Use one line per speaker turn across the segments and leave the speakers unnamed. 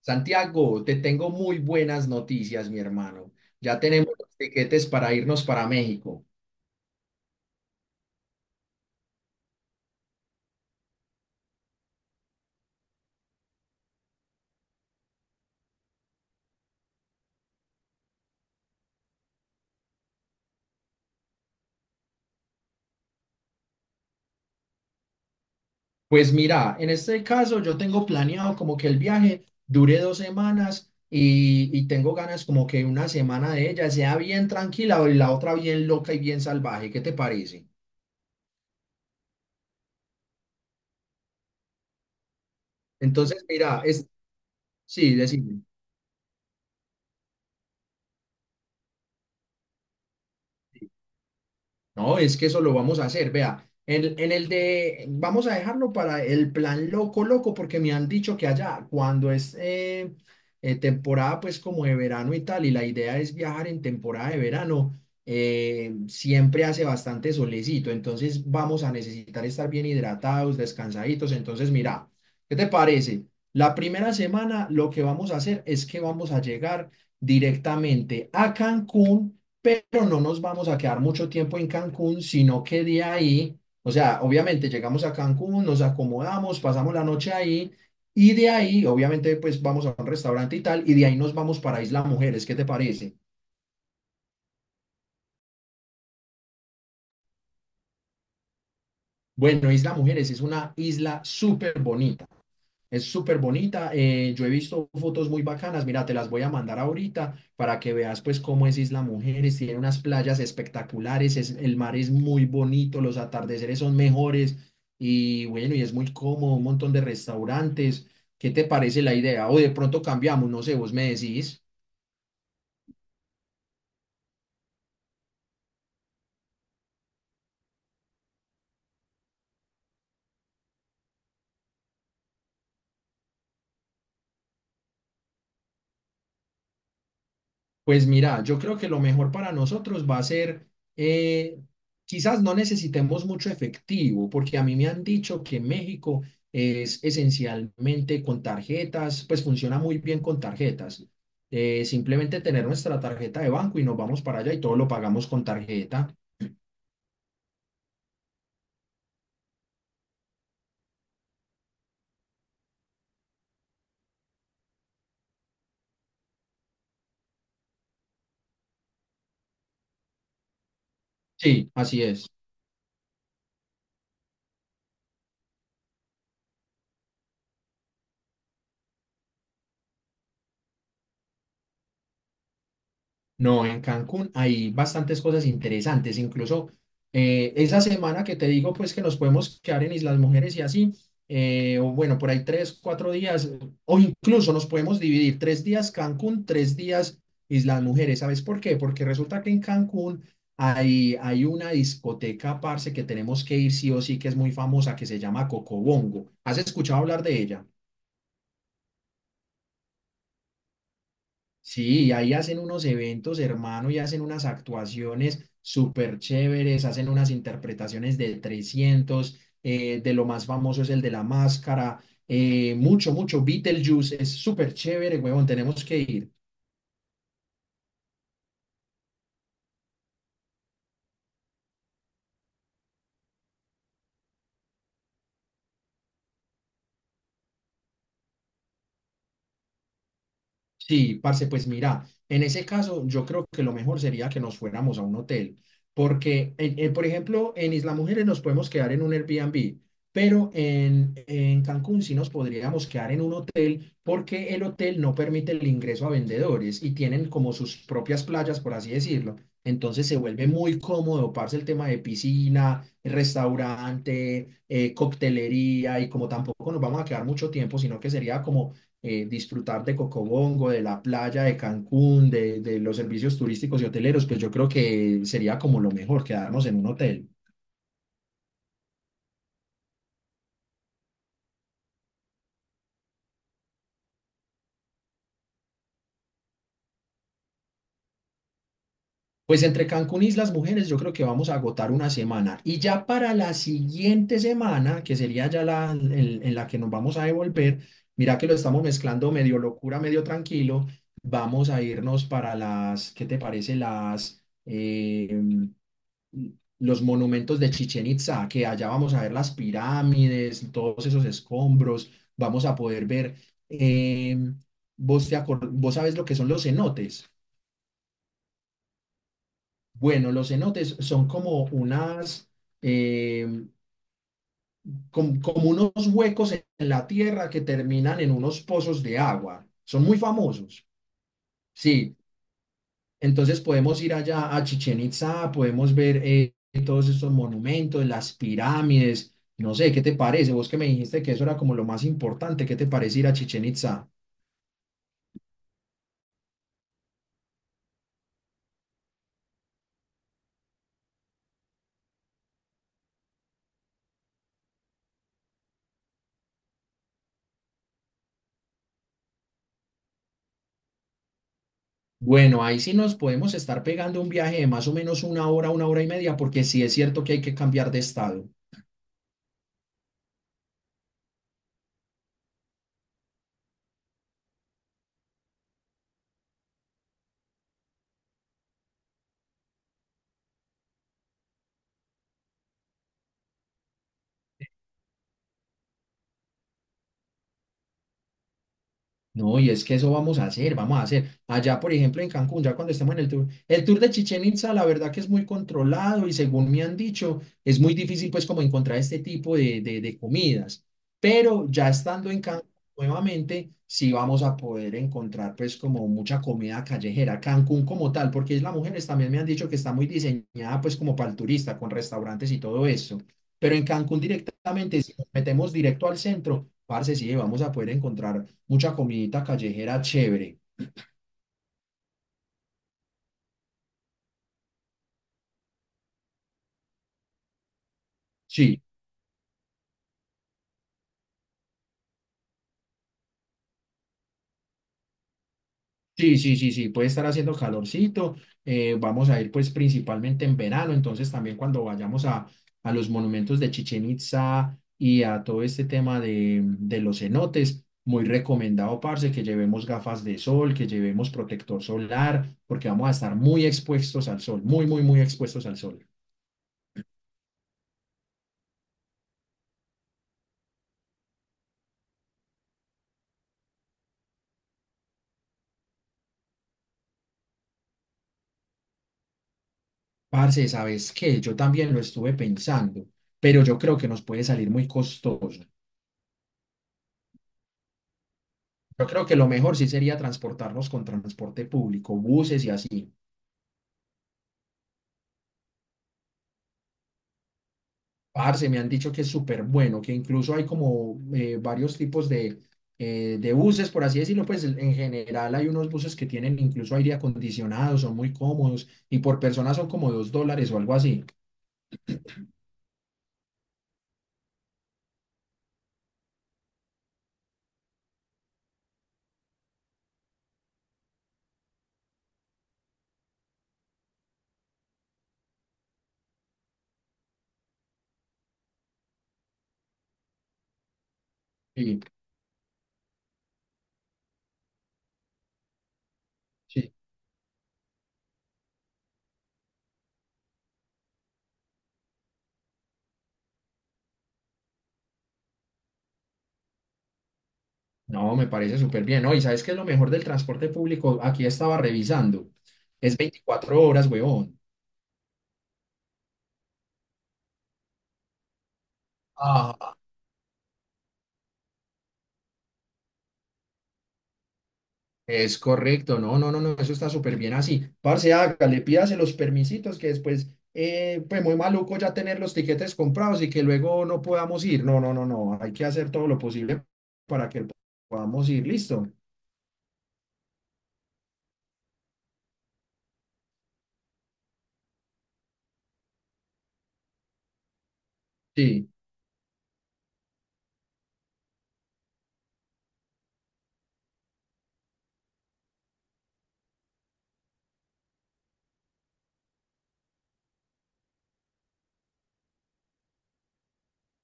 Santiago, te tengo muy buenas noticias, mi hermano. Ya tenemos los tiquetes para irnos para México. Pues mira, en este caso yo tengo planeado como que el viaje dure dos semanas y tengo ganas como que una semana de ella sea bien tranquila y la otra bien loca y bien salvaje. ¿Qué te parece? Entonces, mira, es, sí, decime. No, es que eso lo vamos a hacer, vea. En el de, vamos a dejarlo para el plan loco, loco, porque me han dicho que allá, cuando es temporada, pues como de verano y tal, y la idea es viajar en temporada de verano, siempre hace bastante solecito, entonces vamos a necesitar estar bien hidratados, descansaditos. Entonces, mira, ¿qué te parece? La primera semana lo que vamos a hacer es que vamos a llegar directamente a Cancún, pero no nos vamos a quedar mucho tiempo en Cancún, sino que de ahí, o sea, obviamente llegamos a Cancún, nos acomodamos, pasamos la noche ahí y de ahí, obviamente, pues vamos a un restaurante y tal, y de ahí nos vamos para Isla Mujeres, ¿qué te parece? Bueno, Isla Mujeres es una isla súper bonita. Es súper bonita. Yo he visto fotos muy bacanas. Mira, te las voy a mandar ahorita para que veas pues cómo es Isla Mujeres. Tiene unas playas espectaculares. Es, el mar es muy bonito. Los atardeceres son mejores. Y bueno, y es muy cómodo. Un montón de restaurantes. ¿Qué te parece la idea? O de pronto cambiamos. No sé, vos me decís. Pues mira, yo creo que lo mejor para nosotros va a ser, eh, quizás no necesitemos mucho efectivo, porque a mí me han dicho que México es esencialmente con tarjetas, pues funciona muy bien con tarjetas. Simplemente tener nuestra tarjeta de banco y nos vamos para allá y todo lo pagamos con tarjeta. Sí, así es. No, en Cancún hay bastantes cosas interesantes, incluso esa semana que te digo, pues que nos podemos quedar en Islas Mujeres y así, o bueno, por ahí tres, cuatro días, o incluso nos podemos dividir tres días Cancún, tres días Islas Mujeres. ¿Sabes por qué? Porque resulta que en Cancún hay una discoteca, parce, que tenemos que ir sí o sí, que es muy famosa, que se llama Cocobongo. ¿Has escuchado hablar de ella? Sí, y ahí hacen unos eventos, hermano, y hacen unas actuaciones súper chéveres, hacen unas interpretaciones de 300, de lo más famoso es el de la máscara, mucho, mucho, Beetlejuice, es súper chévere, huevón, tenemos que ir. Sí, parce, pues mira, en ese caso yo creo que lo mejor sería que nos fuéramos a un hotel, porque, por ejemplo, en Isla Mujeres nos podemos quedar en un Airbnb, pero en Cancún sí nos podríamos quedar en un hotel porque el hotel no permite el ingreso a vendedores y tienen como sus propias playas, por así decirlo. Entonces se vuelve muy cómodo, parce, el tema de piscina, restaurante, coctelería y como tampoco nos vamos a quedar mucho tiempo, sino que sería como disfrutar de Cocobongo, de la playa de Cancún, de los servicios turísticos y hoteleros, pues yo creo que sería como lo mejor, quedarnos en un hotel. Pues entre Cancún y Islas Mujeres yo creo que vamos a agotar una semana. Y ya para la siguiente semana, que sería ya la en la que nos vamos a devolver, mira que lo estamos mezclando medio locura, medio tranquilo, vamos a irnos para las, ¿qué te parece? Los monumentos de Chichén Itzá, que allá vamos a ver las pirámides, todos esos escombros, vamos a poder ver, eh, vos, vos sabes lo que son los cenotes. Bueno, los cenotes son como unas, eh, como unos huecos en la tierra que terminan en unos pozos de agua. Son muy famosos. Sí, entonces podemos ir allá a Chichén Itzá, podemos ver todos estos monumentos, las pirámides, no sé, ¿qué te parece? Vos que me dijiste que eso era como lo más importante, ¿qué te parece ir a Chichén Itzá? Bueno, ahí sí nos podemos estar pegando un viaje de más o menos una hora y media, porque sí es cierto que hay que cambiar de estado. No, y es que eso vamos a hacer, vamos a hacer. Allá, por ejemplo, en Cancún, ya cuando estemos en el tour de Chichén Itzá, la verdad que es muy controlado y según me han dicho, es muy difícil pues como encontrar este tipo de comidas. Pero ya estando en Cancún nuevamente, sí vamos a poder encontrar pues como mucha comida callejera. Cancún como tal, porque es las mujeres también me han dicho que está muy diseñada pues como para el turista, con restaurantes y todo eso. Pero en Cancún directamente, si nos metemos directo al centro, parce, sí, vamos a poder encontrar mucha comidita callejera chévere. Sí, sí, sí, sí, sí, puede estar haciendo calorcito. Vamos a ir pues principalmente en verano, entonces también cuando vayamos a los monumentos de Chichen Itza y a todo este tema de los cenotes, muy recomendado, parce, que llevemos gafas de sol, que llevemos protector solar, porque vamos a estar muy expuestos al sol, muy, muy, muy expuestos al sol. Parce, ¿sabes qué? Yo también lo estuve pensando, pero yo creo que nos puede salir muy costoso. Yo creo que lo mejor sí sería transportarnos con transporte público, buses y así. Parce, me han dicho que es súper bueno, que incluso hay como varios tipos de buses, por así decirlo, pues en general hay unos buses que tienen incluso aire acondicionado, son muy cómodos y por persona son como $2 o algo así. Sí, sí. No, me parece súper bien, ¿no? Y sabes qué es lo mejor del transporte público, aquí estaba revisando, es 24 horas, huevón. Es correcto, no, no, no, no, eso está súper bien así. Parce, hágale, pídase los permisitos que después, pues muy maluco ya tener los tiquetes comprados y que luego no podamos ir. No, no, no, no, hay que hacer todo lo posible para que podamos ir, listo. Sí.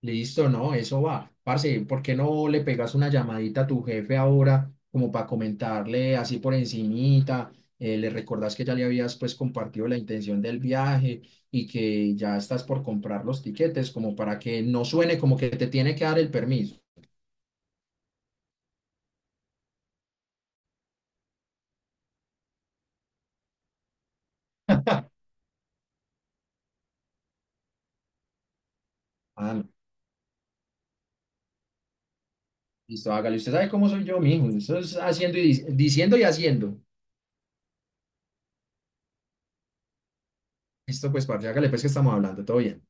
Listo, no, eso va. Parce, ¿por qué no le pegas una llamadita a tu jefe ahora como para comentarle así por encimita? Le recordás que ya le habías pues compartido la intención del viaje y que ya estás por comprar los tiquetes como para que no suene como que te tiene que dar el permiso. Ah, no. Listo, hágale. Usted sabe cómo soy yo, mijo. Eso es haciendo y diciendo y haciendo. Listo, pues, parce, hágale pues que estamos hablando. Todo bien.